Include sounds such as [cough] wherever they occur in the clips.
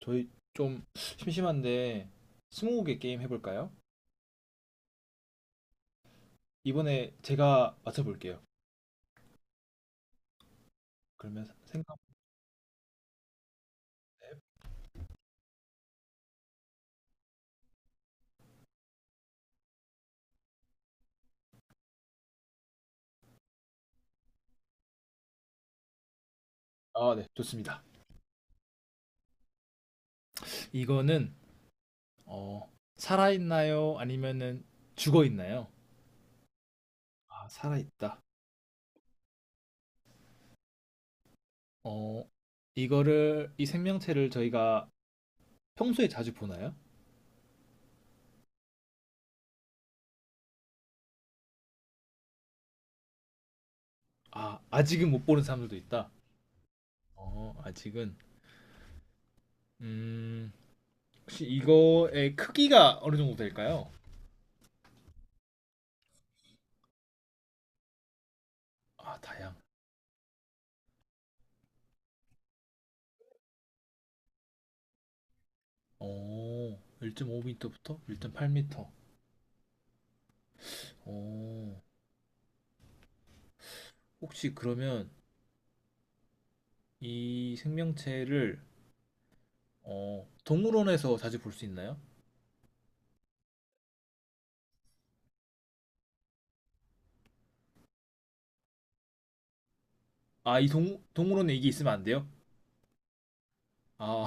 저희 좀 심심한데 스무고개 게임 해볼까요? 이번에 제가 맞춰볼게요. 그러면 생각 아, 네, 좋습니다. 이거는 어, 살아있나요? 아니면은 죽어있나요? 아, 살아있다. 어, 이거를 이 생명체를 저희가 평소에 자주 보나요? 아, 아직은 못 보는 사람들도 있다. 어, 아직은 음, 혹시 이거의 크기가 어느 정도 될까요? 아, 다양. 오, 1.5m부터 1.8m. 어, 혹시 그러면 이 생명체를 어, 동물원에서 자주 볼 수 있나요? 아, 동물원에 이게 있으면 안 돼요? 아,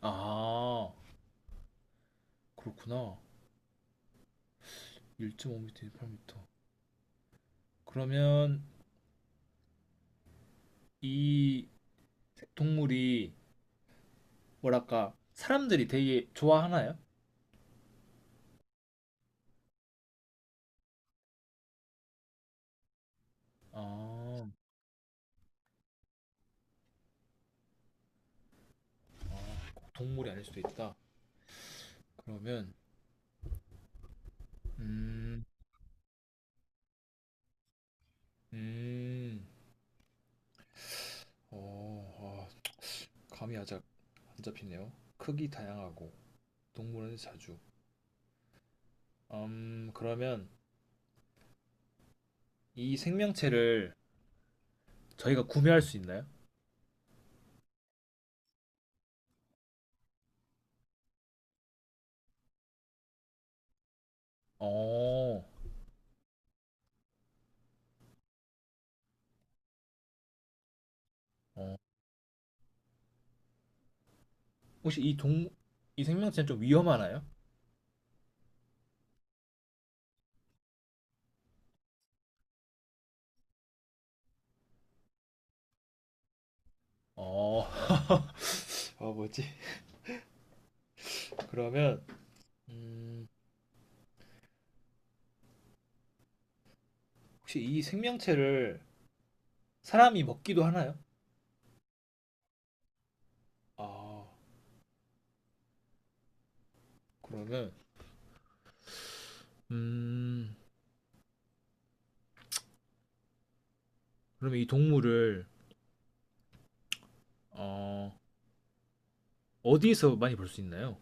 아, 그렇구나. 1.5m, 1.8m. 그러면 이 동물이 뭐랄까 사람들이 되게 좋아하나요? 아, 아, 꼭 동물이 아닐 수도 있다. 그러면 음, 음, 어, 아, 감이 아작 안 잡히네요. 크기 다양하고 동물원에 자주. 그러면 이 생명체를 저희가 구매할 수 있나요? 어, 어. 혹시 이 생명체는 좀 위험하나요? 어, [laughs] 아, 뭐지? 그러면, 음, 혹시 이 생명체를 사람이 먹기도 하나요? 아, 그러면, 음, 그러면 이 동물을, 어, 어디에서 많이 볼 수 있나요?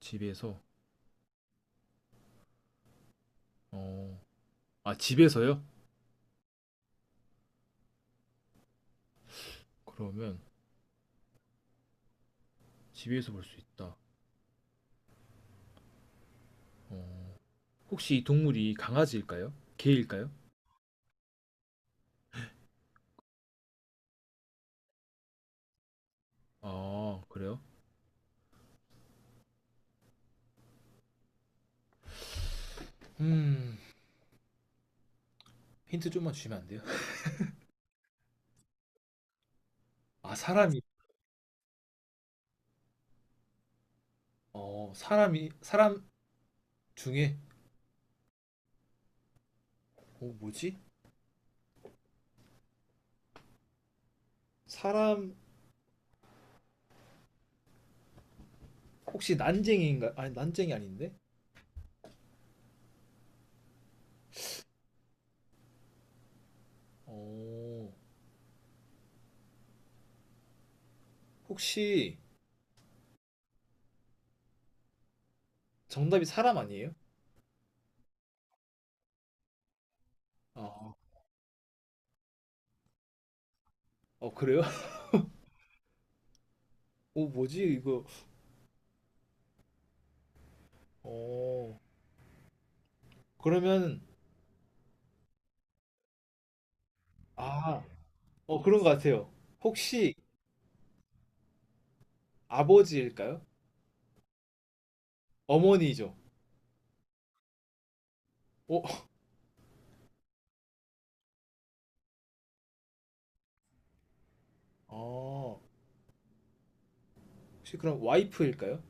집에서, 어, 아, 집에서요? 그러면 집에서 볼 수 있다. 어, 혹시 이 동물이 강아지일까요? 개일까요? 아, 그래요? 음, 힌트 좀만 주시면 안 돼요? [laughs] 아, 사람이, 어, 사람 중에, 어, 뭐지? 사람, 혹시 난쟁이인가? 아니, 난쟁이 아닌데? 어, 혹시 정답이 사람 아니에요? 아, 어, 그래요? [laughs] 어, 뭐지? 이거, 어, 그러면, 아, 어, 그런 것 같아요. 혹시 아버지일까요? 어머니죠? 어, 아, 혹시 그럼 와이프일까요?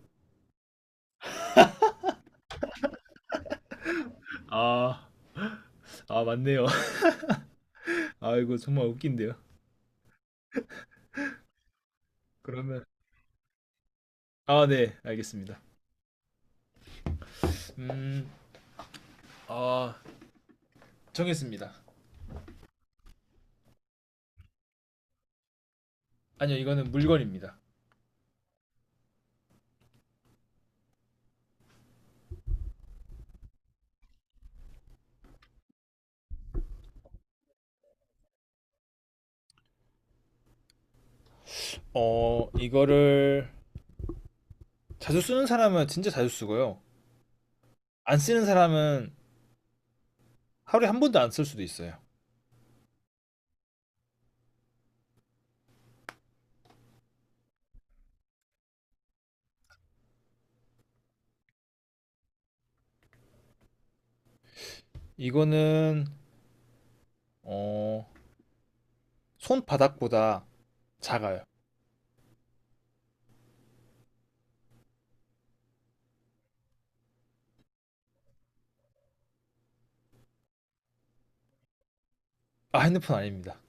아, 아, 맞네요. [laughs] 아, 이거 정말 웃긴데요. 그러면 아, 네, 알겠습니다. 음, 아, 정했습니다. 아니요, 이거는 물건입니다. 어, 이거를 자주 쓰는 사람은 진짜 자주 쓰고요. 안 쓰는 사람은 하루에 한 번도 안 쓸 수도 있어요. 이거는 어, 손바닥보다 작아요. 아, 핸드폰 아닙니다.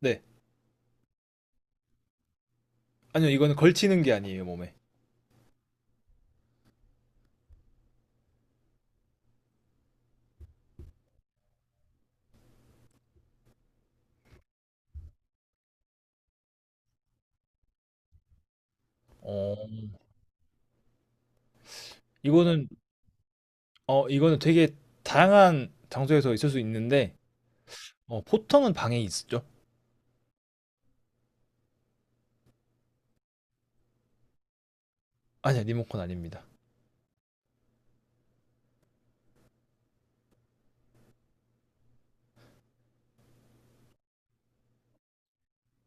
네, 아니요, 이거는 걸치는 게 아니에요, 몸에. 어, 이거는 되게 다양한 장소에서 있을 수 있는데 어, 보통은 방에 있죠. 아니요, 리모컨 아닙니다.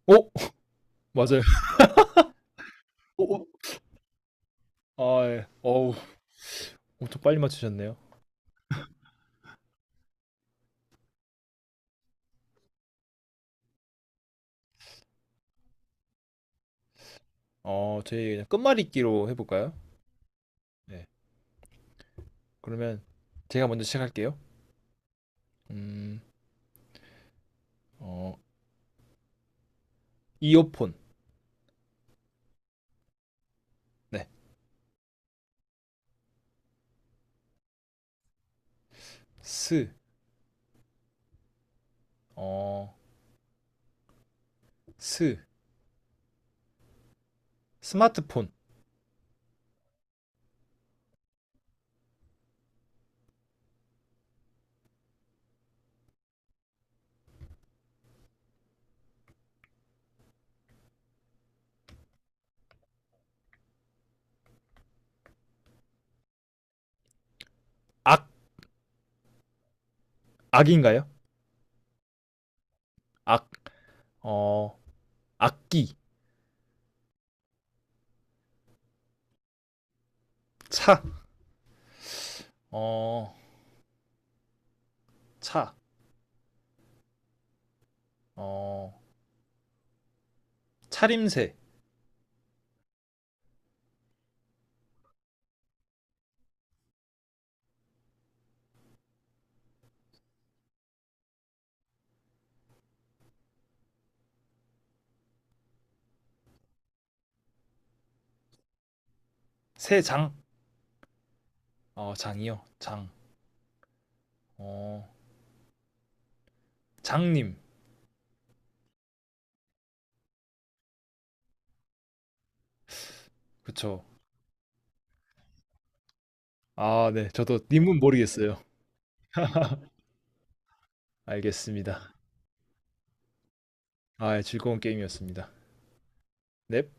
오, 맞아요. 오, 아, 예. 어우, 엄청 빨리 맞추셨네요. 어, 저희 그냥 끝말잇기로 해볼까요? 네. 그러면 제가 먼저 시작할게요. 음, 어, 이어폰. 네. 스, 어, 스, 스마트폰. 악, 악인가요? 악, 어, 악기. 차, 어, 차, 어, 차림새. 새 장, 어, 장이요. 장, 어, 장님. 그쵸. 아, 네. 저도 님은 모르겠어요. 알겠습니다. 아, 예, 즐거운 게임이었습니다. 넵.